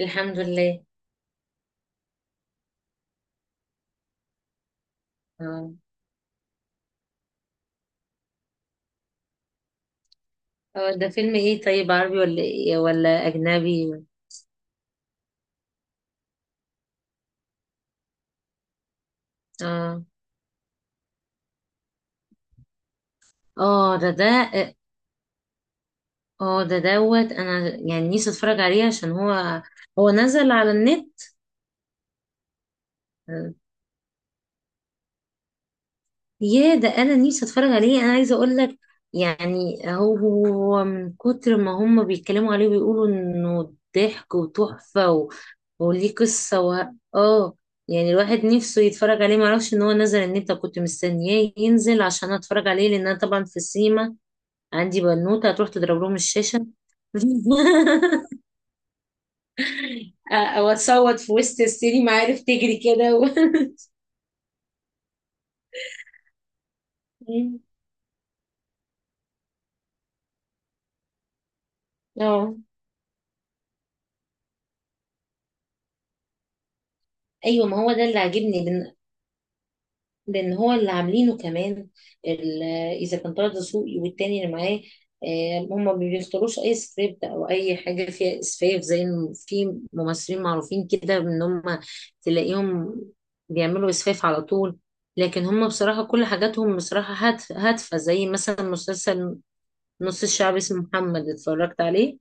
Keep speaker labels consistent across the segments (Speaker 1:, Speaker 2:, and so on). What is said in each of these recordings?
Speaker 1: الحمد لله. اه، هو ده فيلم ايه؟ طيب، عربي ولا إيه ولا اجنبي؟ اه، اه. ده. اه، ده دوت انا يعني نفسي اتفرج عليه عشان هو نزل على النت. يا ده، انا نفسي اتفرج عليه، انا عايزه اقول لك. يعني هو من كتر ما هم بيتكلموا عليه بيقولوا انه ضحك وتحفه، و... وليه قصه. و... اه. يعني الواحد نفسه يتفرج عليه، معرفش ان هو نزل النت، كنت مستنياه ينزل عشان اتفرج عليه، لان انا طبعا في السينما عندي بنوته هتروح تضرب لهم الشاشه، او اتصوت في وسط السينما، عارف، تجري كده. و... اه، ايوه، ما هو ده اللي عاجبني، لان هو اللي عاملينه كمان. ال- اذا كان طه دسوقي والتاني اللي معاه، آه، هما ما بيختاروش اي سكريبت او اي حاجه فيها اسفاف، زي إن في ممثلين معروفين كده ان هما تلاقيهم بيعملوا اسفاف على طول، لكن هما بصراحه كل حاجاتهم بصراحه هادفه زي مثلا مسلسل نص الشعب اسمه محمد، اتفرجت عليه.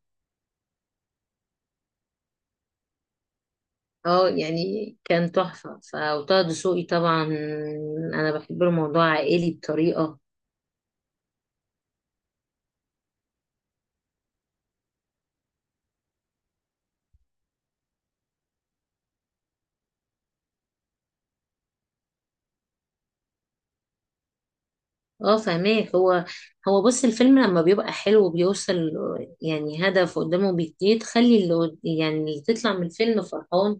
Speaker 1: اه، يعني كان تحفه. وطه دسوقي طبعا انا بحب له، موضوع عائلي بطريقه. اه، فهماك. هو بص، الفيلم لما بيبقى حلو وبيوصل يعني هدف قدامه بيديه، تخلي اللي يعني اللي تطلع من الفيلم فرحان،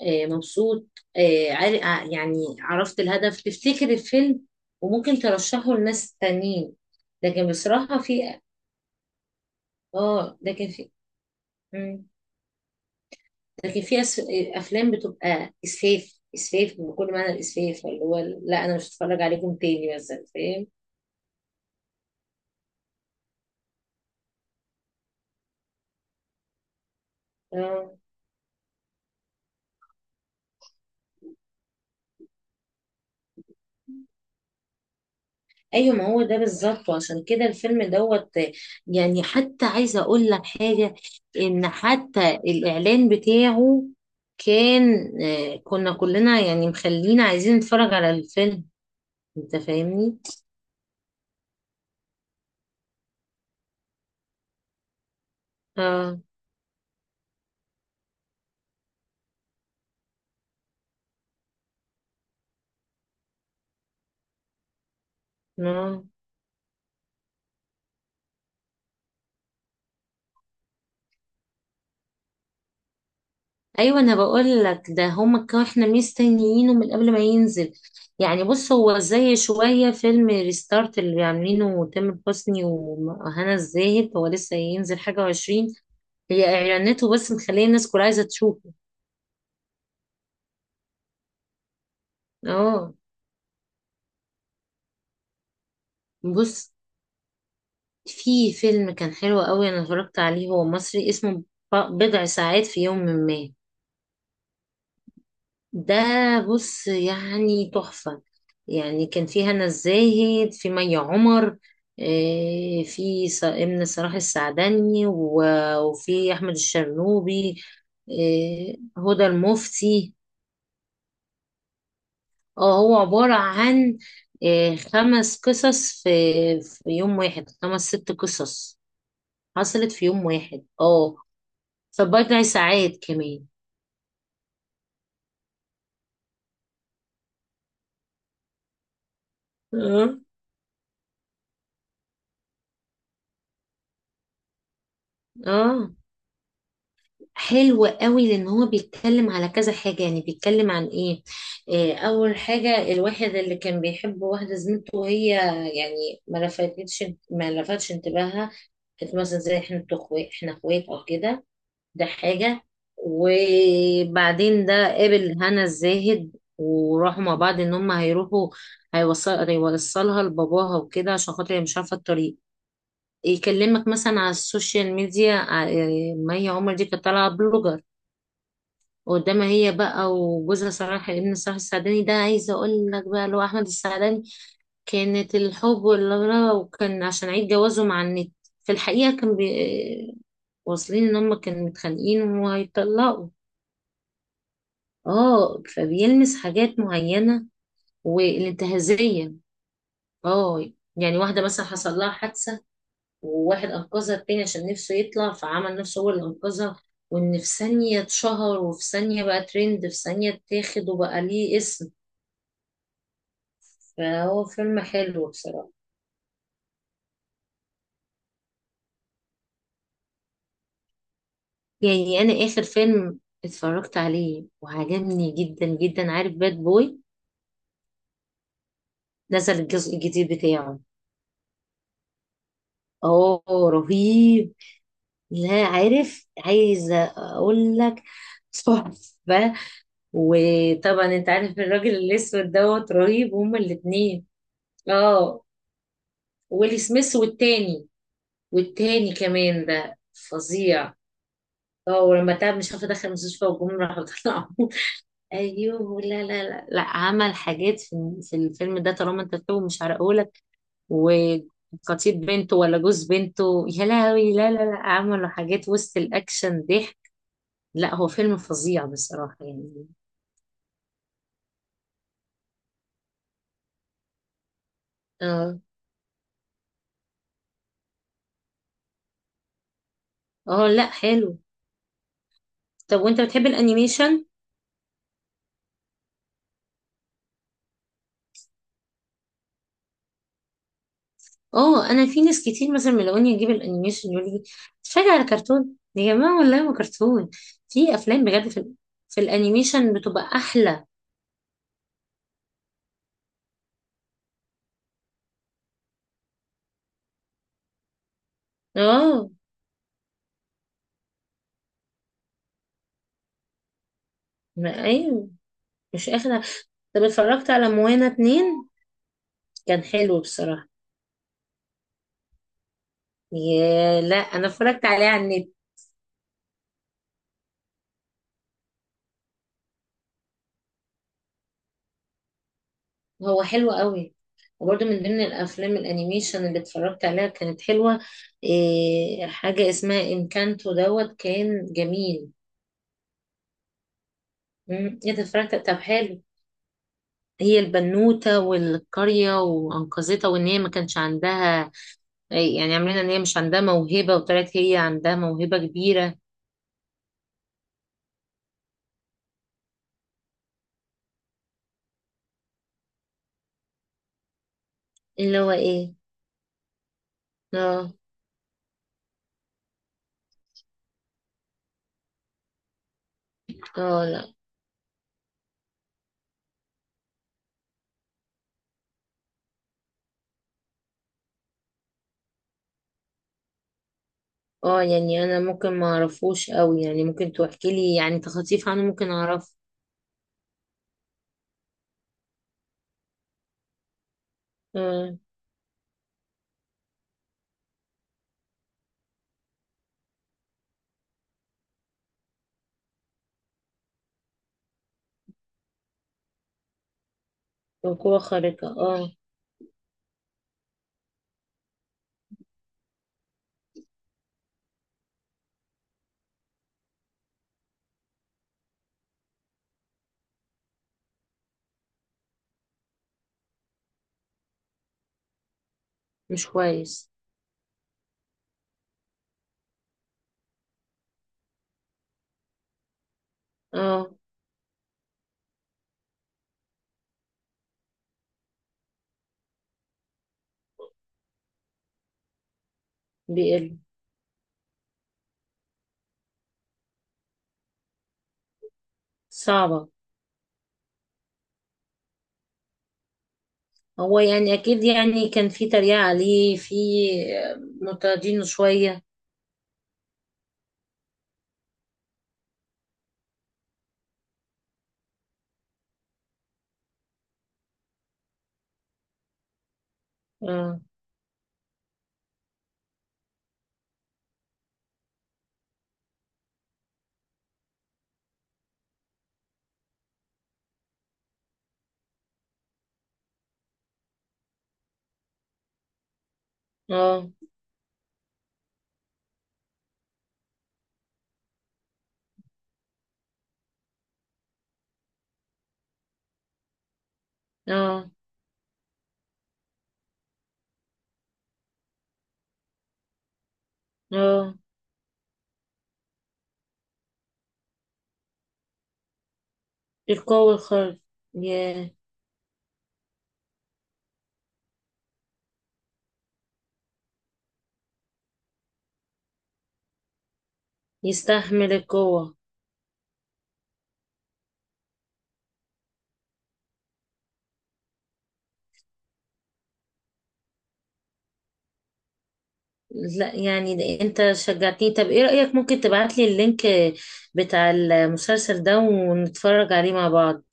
Speaker 1: آه، مبسوط. آه، يعني عرفت الهدف، تفتكر الفيلم وممكن ترشحه لناس تانيين. لكن بصراحة في، اه، لكن في، مم، لكن في افلام بتبقى اسفاف، اسفاف بكل معنى الاسفاف، اللي هو لا انا مش هتفرج عليكم تاني مثلا، فاهم. اه، ايوه، ما هو ده بالظبط، وعشان كده الفيلم دوت. يعني حتى عايزه اقول لك حاجه، ان حتى الاعلان بتاعه كان، آه، كنا كلنا يعني مخلينا عايزين نتفرج على الفيلم، انت فاهمني. اه. آه. ايوه، انا بقول لك، ده هما كانوا احنا مستنيينه من قبل ما ينزل. يعني بص، هو زي شويه فيلم ريستارت اللي عاملينه تامر حسني وهنا الزاهد، هو لسه ينزل حاجه وعشرين، هي اعلاناته بس مخليه الناس كلها عايزه تشوفه. اه، بص، في فيلم كان حلو قوي انا اتفرجت عليه، هو مصري، اسمه بضع ساعات في يوم ما. ده، بص، يعني تحفه. يعني كان في هنا الزاهد، في مي عمر، آه، في امن صلاح السعدني وفي احمد الشرنوبي، آه، هدى المفتي. اه، هو عبارة عن، آه، خمس قصص في، في يوم واحد، خمس ست قصص حصلت في يوم واحد. اه، في بضع ساعات كمان. اه. اه، حلو قوي لان هو بيتكلم على كذا حاجة. يعني بيتكلم عن ايه؟ آه، اول حاجة الواحد اللي كان بيحب واحدة زميلته وهي يعني ما لفتش انتباهها، كانت مثلا زي احنا اخوات، احنا اخوات او كده. ده حاجة. وبعدين ده قابل هنا الزاهد وراحوا مع بعض، ان هم هيروحوا، هيوصلها لباباها وكده عشان خاطر هي مش عارفة الطريق، يكلمك مثلا على السوشيال ميديا. مي عمر دي كانت طالعة بلوجر قدامها، هي بقى وجوزها صلاح ابن صلاح السعداني، ده عايزة اقول لك بقى اللي هو احمد السعداني، كانت الحب والغلا، وكان عشان عيد جوازه مع النت. في الحقيقة كان واصلين ان هم كانوا متخانقين وهيطلقوا. اه، فبيلمس حاجات معينة والانتهازية. اه، يعني واحدة مثلا حصل لها حادثة وواحد أنقذها، التاني عشان نفسه يطلع فعمل نفسه هو اللي أنقذها، وإن في ثانية اتشهر، وفي ثانية بقى ترند، في ثانية اتاخد وبقى ليه اسم. فهو فيلم حلو بصراحة. يعني أنا آخر فيلم اتفرجت عليه وعجبني جدا جدا، عارف، باد بوي، نزل الجزء الجديد بتاعه. اه، رهيب. لا، عارف، عايزة اقول لك تحفة. وطبعا انت عارف الراجل الاسود دوت رهيب، هما الاتنين. اه، ويلي سميث والتاني، والتاني كمان ده فظيع. اه، ولما تعب مش عارفه دخل المستشفى والجمهور راحوا طلعوا. ايوه، لا، لا، لا، لا، عمل حاجات في، في الفيلم ده، طالما انت فيه مش هرقهولك. وخطيب بنته ولا جوز بنته، يا لهوي، لا، لا، لا، عملوا حاجات وسط الاكشن ضحك. لا، هو فيلم فظيع بصراحة يعني. اه. اه، لا، حلو. طب، وانت بتحب الانيميشن؟ اه، انا في ناس كتير مثلا ملاقوني اجيب الانيميشن يقول لي اتفرج على كرتون، يا جماعة، والله ما كرتون، في افلام بجد، في الانيميشن بتبقى احلى. اه، ايوه، مش اخر. طب، اتفرجت على موانا 2؟ كان حلو بصراحة. يا لا، انا اتفرجت عليه على النت. هو حلو قوي. وبرده من ضمن الافلام الانيميشن اللي اتفرجت عليها كانت حلوه، إيه، حاجه اسمها انكانتو دوت، كان جميل. مم، ايه ده اتفرجت؟ طب، حلو. هي البنوته، والقريه وانقذتها، وان هي ما كانش عندها، آه، يعني عاملين ان هي مش عندها موهبه، وطلعت هي عندها موهبه كبيره. اللي هو ايه؟ اه. اه، لا. اه، يعني انا ممكن ما اعرفوش قوي، يعني ممكن تحكي لي، يعني تخطيف عنه ممكن اعرفه. اه. وقوة خارقة، اه. مش كويس. اه. بيقل. صعبة. هو يعني اكيد يعني كان في تريقة عليه، في معترضينه شوية. اه. اه. اه. اه. القوة الخارج، ي- يستحمل القوة. لا، يعني ده انت شجعتني، طب ايه رأيك، ممكن تبعتلي اللينك بتاع المسلسل ده ونتفرج عليه مع بعض.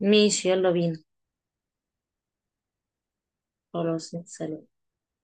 Speaker 1: ماشي، يلا بينا. خلاص سلام.